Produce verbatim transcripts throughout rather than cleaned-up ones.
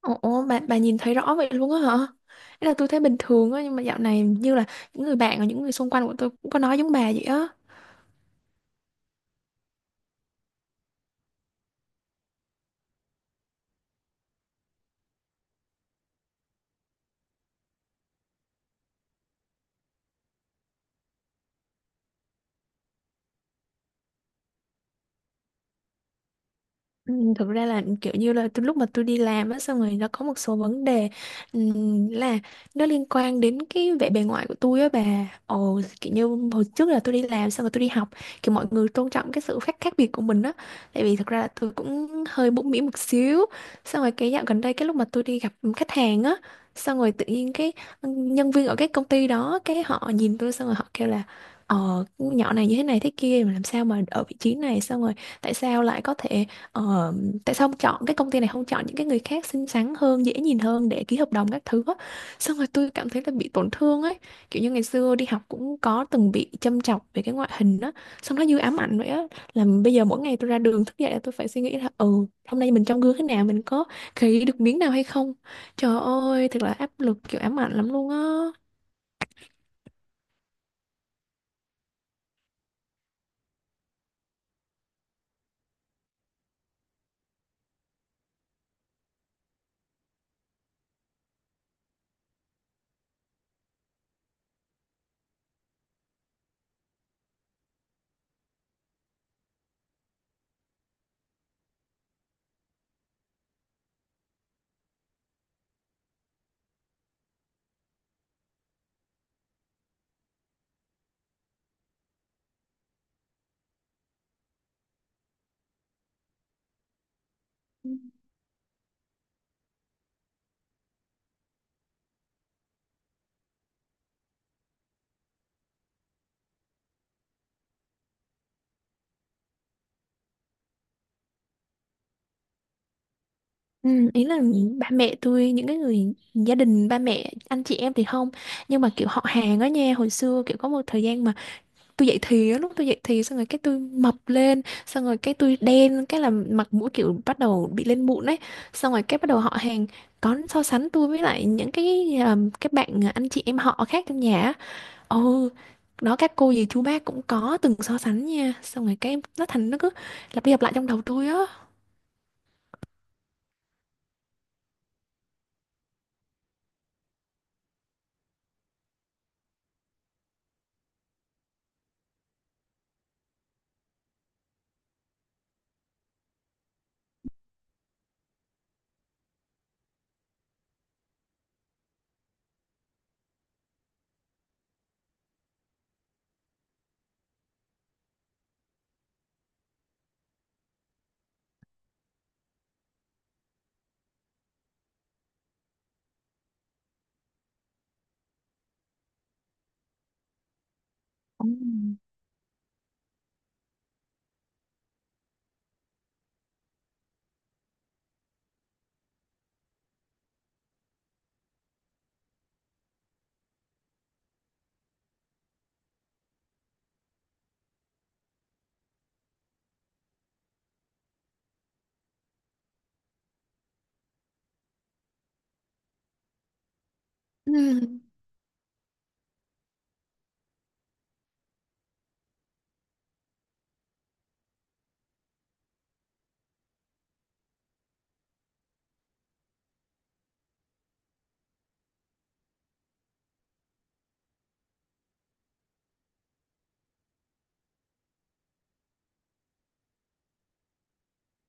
Ồ, bà, bà nhìn thấy rõ vậy luôn á hả? Ý là tôi thấy bình thường á, nhưng mà dạo này như là những người bạn và những người xung quanh của tôi cũng có nói giống bà vậy á. Ừ, thực ra là kiểu như là từ lúc mà tôi đi làm á xong rồi nó có một số vấn đề, ừm, là nó liên quan đến cái vẻ bề ngoài của tôi á bà. Ồ, kiểu như hồi trước là tôi đi làm xong rồi tôi đi học, kiểu mọi người tôn trọng cái sự khác khác biệt của mình á, tại vì thực ra là tôi cũng hơi bmũn miệng một xíu. Xong rồi cái dạo gần đây, cái lúc mà tôi đi gặp khách hàng á, xong rồi tự nhiên cái nhân viên ở cái công ty đó, cái họ nhìn tôi xong rồi họ kêu là, ờ, nhỏ này như thế này thế kia mà làm sao mà ở vị trí này, xong rồi tại sao lại có thể, ờ, tại sao không chọn cái công ty này, không chọn những cái người khác xinh xắn hơn, dễ nhìn hơn để ký hợp đồng các thứ á. Xong rồi tôi cảm thấy là bị tổn thương ấy, kiểu như ngày xưa đi học cũng có từng bị châm chọc về cái ngoại hình á, xong nó như ám ảnh vậy á. Là bây giờ mỗi ngày tôi ra đường thức dậy là tôi phải suy nghĩ là, ừ, hôm nay mình trong gương thế nào, mình có khỉ được miếng nào hay không. Trời ơi, thật là áp lực, kiểu ám ảnh lắm luôn á. Ừ, ý là ba mẹ tôi, những cái người gia đình ba mẹ anh chị em thì không, nhưng mà kiểu họ hàng á nha, hồi xưa kiểu có một thời gian mà tôi dậy thì á, lúc tôi dậy thì xong rồi cái tôi mập lên, xong rồi cái tôi đen, cái là mặt mũi kiểu bắt đầu bị lên mụn ấy, xong rồi cái bắt đầu họ hàng có so sánh tôi với lại những cái, um, các bạn anh chị em họ khác trong nhà á. Ừ, đó các cô dì chú bác cũng có từng so sánh nha, xong rồi cái nó thành nó cứ lặp đi lặp lại trong đầu tôi á. Ừ. Ừ.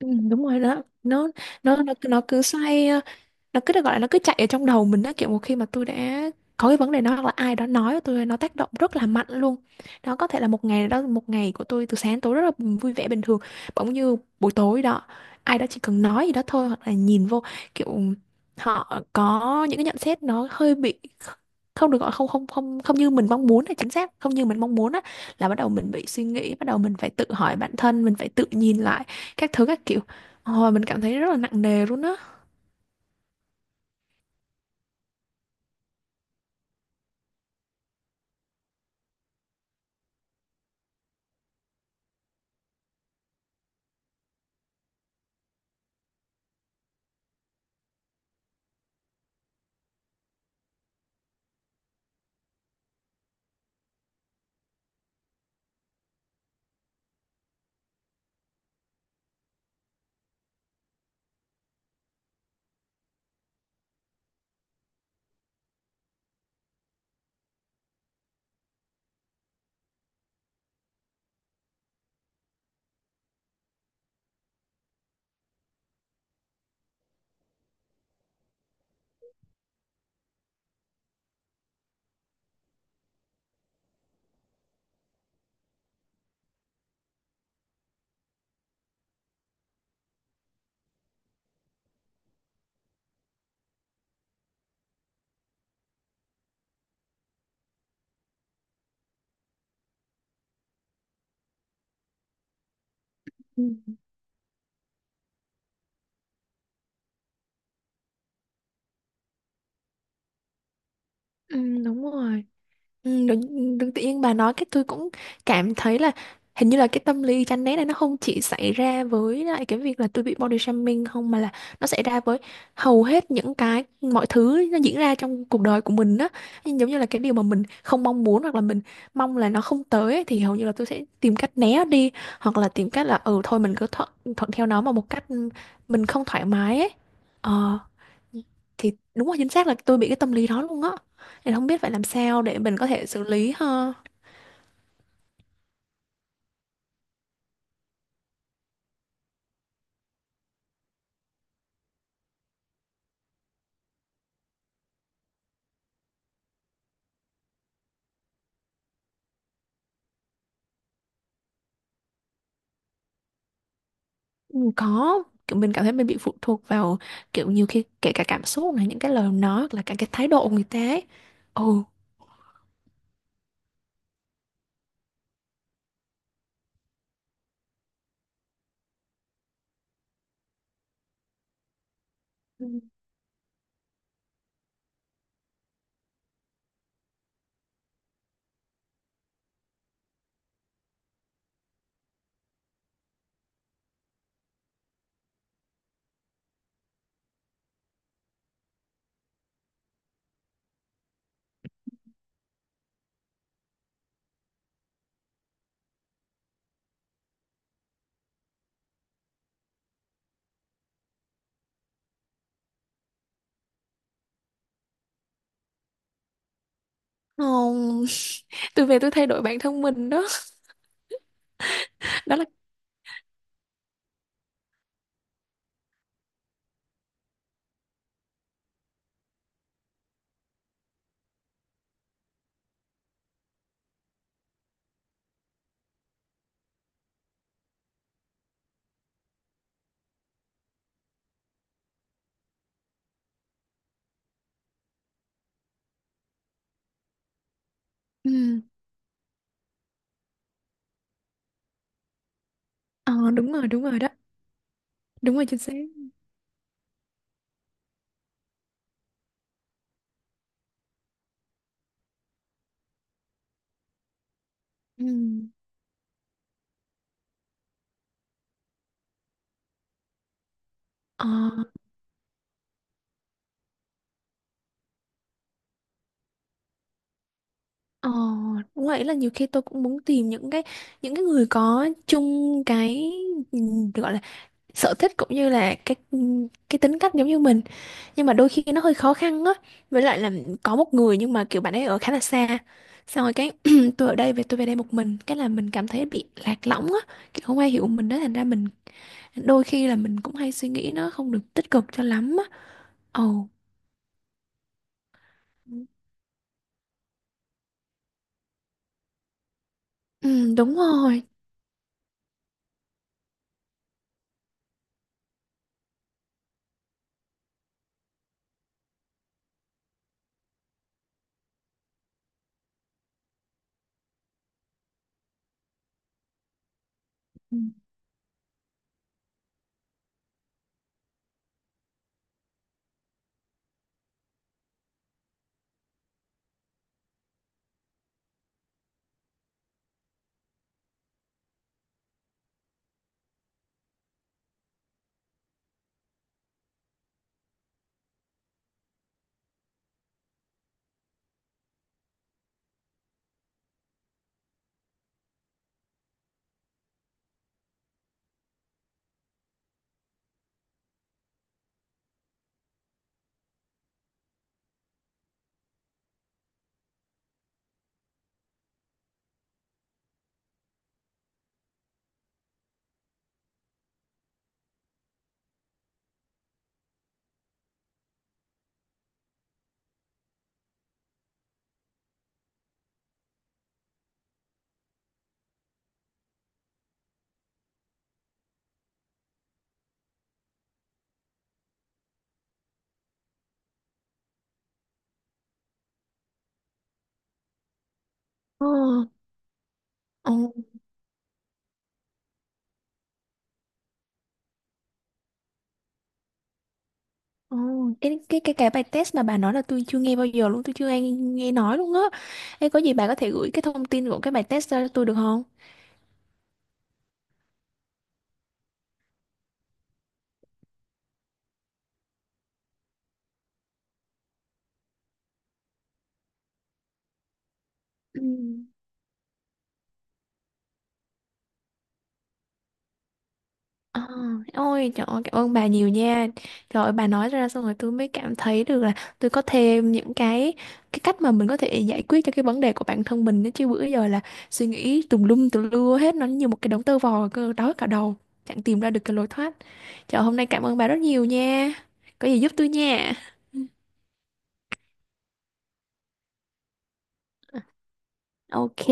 Ừ, đúng rồi đó, nó nó nó nó cứ xoay, nó cứ được gọi là nó cứ chạy ở trong đầu mình á, kiểu một khi mà tôi đã có cái vấn đề nó, hoặc là ai đó nói với tôi, nó tác động rất là mạnh luôn đó. Có thể là một ngày đó, một ngày của tôi từ sáng đến tối rất là vui vẻ bình thường, bỗng như buổi tối đó ai đó chỉ cần nói gì đó thôi, hoặc là nhìn vô kiểu họ có những cái nhận xét nó hơi bị không được, gọi không, không không không như mình mong muốn, là chính xác không như mình mong muốn á, là bắt đầu mình bị suy nghĩ, bắt đầu mình phải tự hỏi bản thân, mình phải tự nhìn lại các thứ các kiểu. Ôi, mình cảm thấy rất là nặng nề luôn á. Ừ. Ừ, đúng rồi. Ừ, đúng, tự tự nhiên bà nói cái tôi cũng cảm thấy là hình như là cái tâm lý chán ghét này nó không chỉ xảy ra với lại cái việc là tôi bị body shaming không, mà là nó xảy ra với hầu hết những cái mọi thứ nó diễn ra trong cuộc đời của mình đó. Nhưng giống như là cái điều mà mình không mong muốn, hoặc là mình mong là nó không tới ấy, thì hầu như là tôi sẽ tìm cách né đi, hoặc là tìm cách là ừ thôi mình cứ thuận, thuận theo nó mà một cách mình không thoải mái ấy. Ờ, thì đúng là chính xác là tôi bị cái tâm lý đó luôn á. Thì không biết phải làm sao để mình có thể xử lý ha. Ừ, có, kiểu mình cảm thấy mình bị phụ thuộc vào, kiểu nhiều khi kể cả cảm xúc này, những cái lời nói hoặc là cả cái thái độ của người ta ấy. Ồ. Ừ. Không, tôi về tôi thay đổi bản thân mình đó. Đó là, ừ, ờ, đúng rồi, đúng rồi đó. Đúng rồi, chính xác. Ừ. Ờ. Ờ, đúng vậy, là nhiều khi tôi cũng muốn tìm những cái những cái người có chung cái, ừ, gọi là sở thích cũng như là cái cái tính cách giống như mình, nhưng mà đôi khi nó hơi khó khăn á, với lại là có một người nhưng mà kiểu bạn ấy ở khá là xa, xong rồi cái tôi ở đây, về tôi về đây một mình cái là mình cảm thấy bị lạc lõng á, kiểu không ai hiểu mình đó, thành ra mình đôi khi là mình cũng hay suy nghĩ nó không được tích cực cho lắm á. Ồ. Ừ, đúng rồi. Ừ. ồ ồ ồ cái cái cái cái bài test mà bà nói là tôi chưa nghe bao giờ luôn, tôi chưa nghe nghe nói luôn á. Ê, có gì bà có thể gửi cái thông tin của cái bài test ra cho tôi được không? Ừ. Ờ, ôi trời ơi, cảm ơn bà nhiều nha. Trời ơi, bà nói ra xong rồi tôi mới cảm thấy được là tôi có thêm những cái Cái cách mà mình có thể giải quyết cho cái vấn đề của bản thân mình đó. Chứ bữa giờ là suy nghĩ tùm lum tùm lưa hết, nó như một cái đống tơ vò cơ, đói cả đầu, chẳng tìm ra được cái lối thoát. Trời, hôm nay cảm ơn bà rất nhiều nha. Có gì giúp tôi nha. Ok.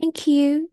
Thank you.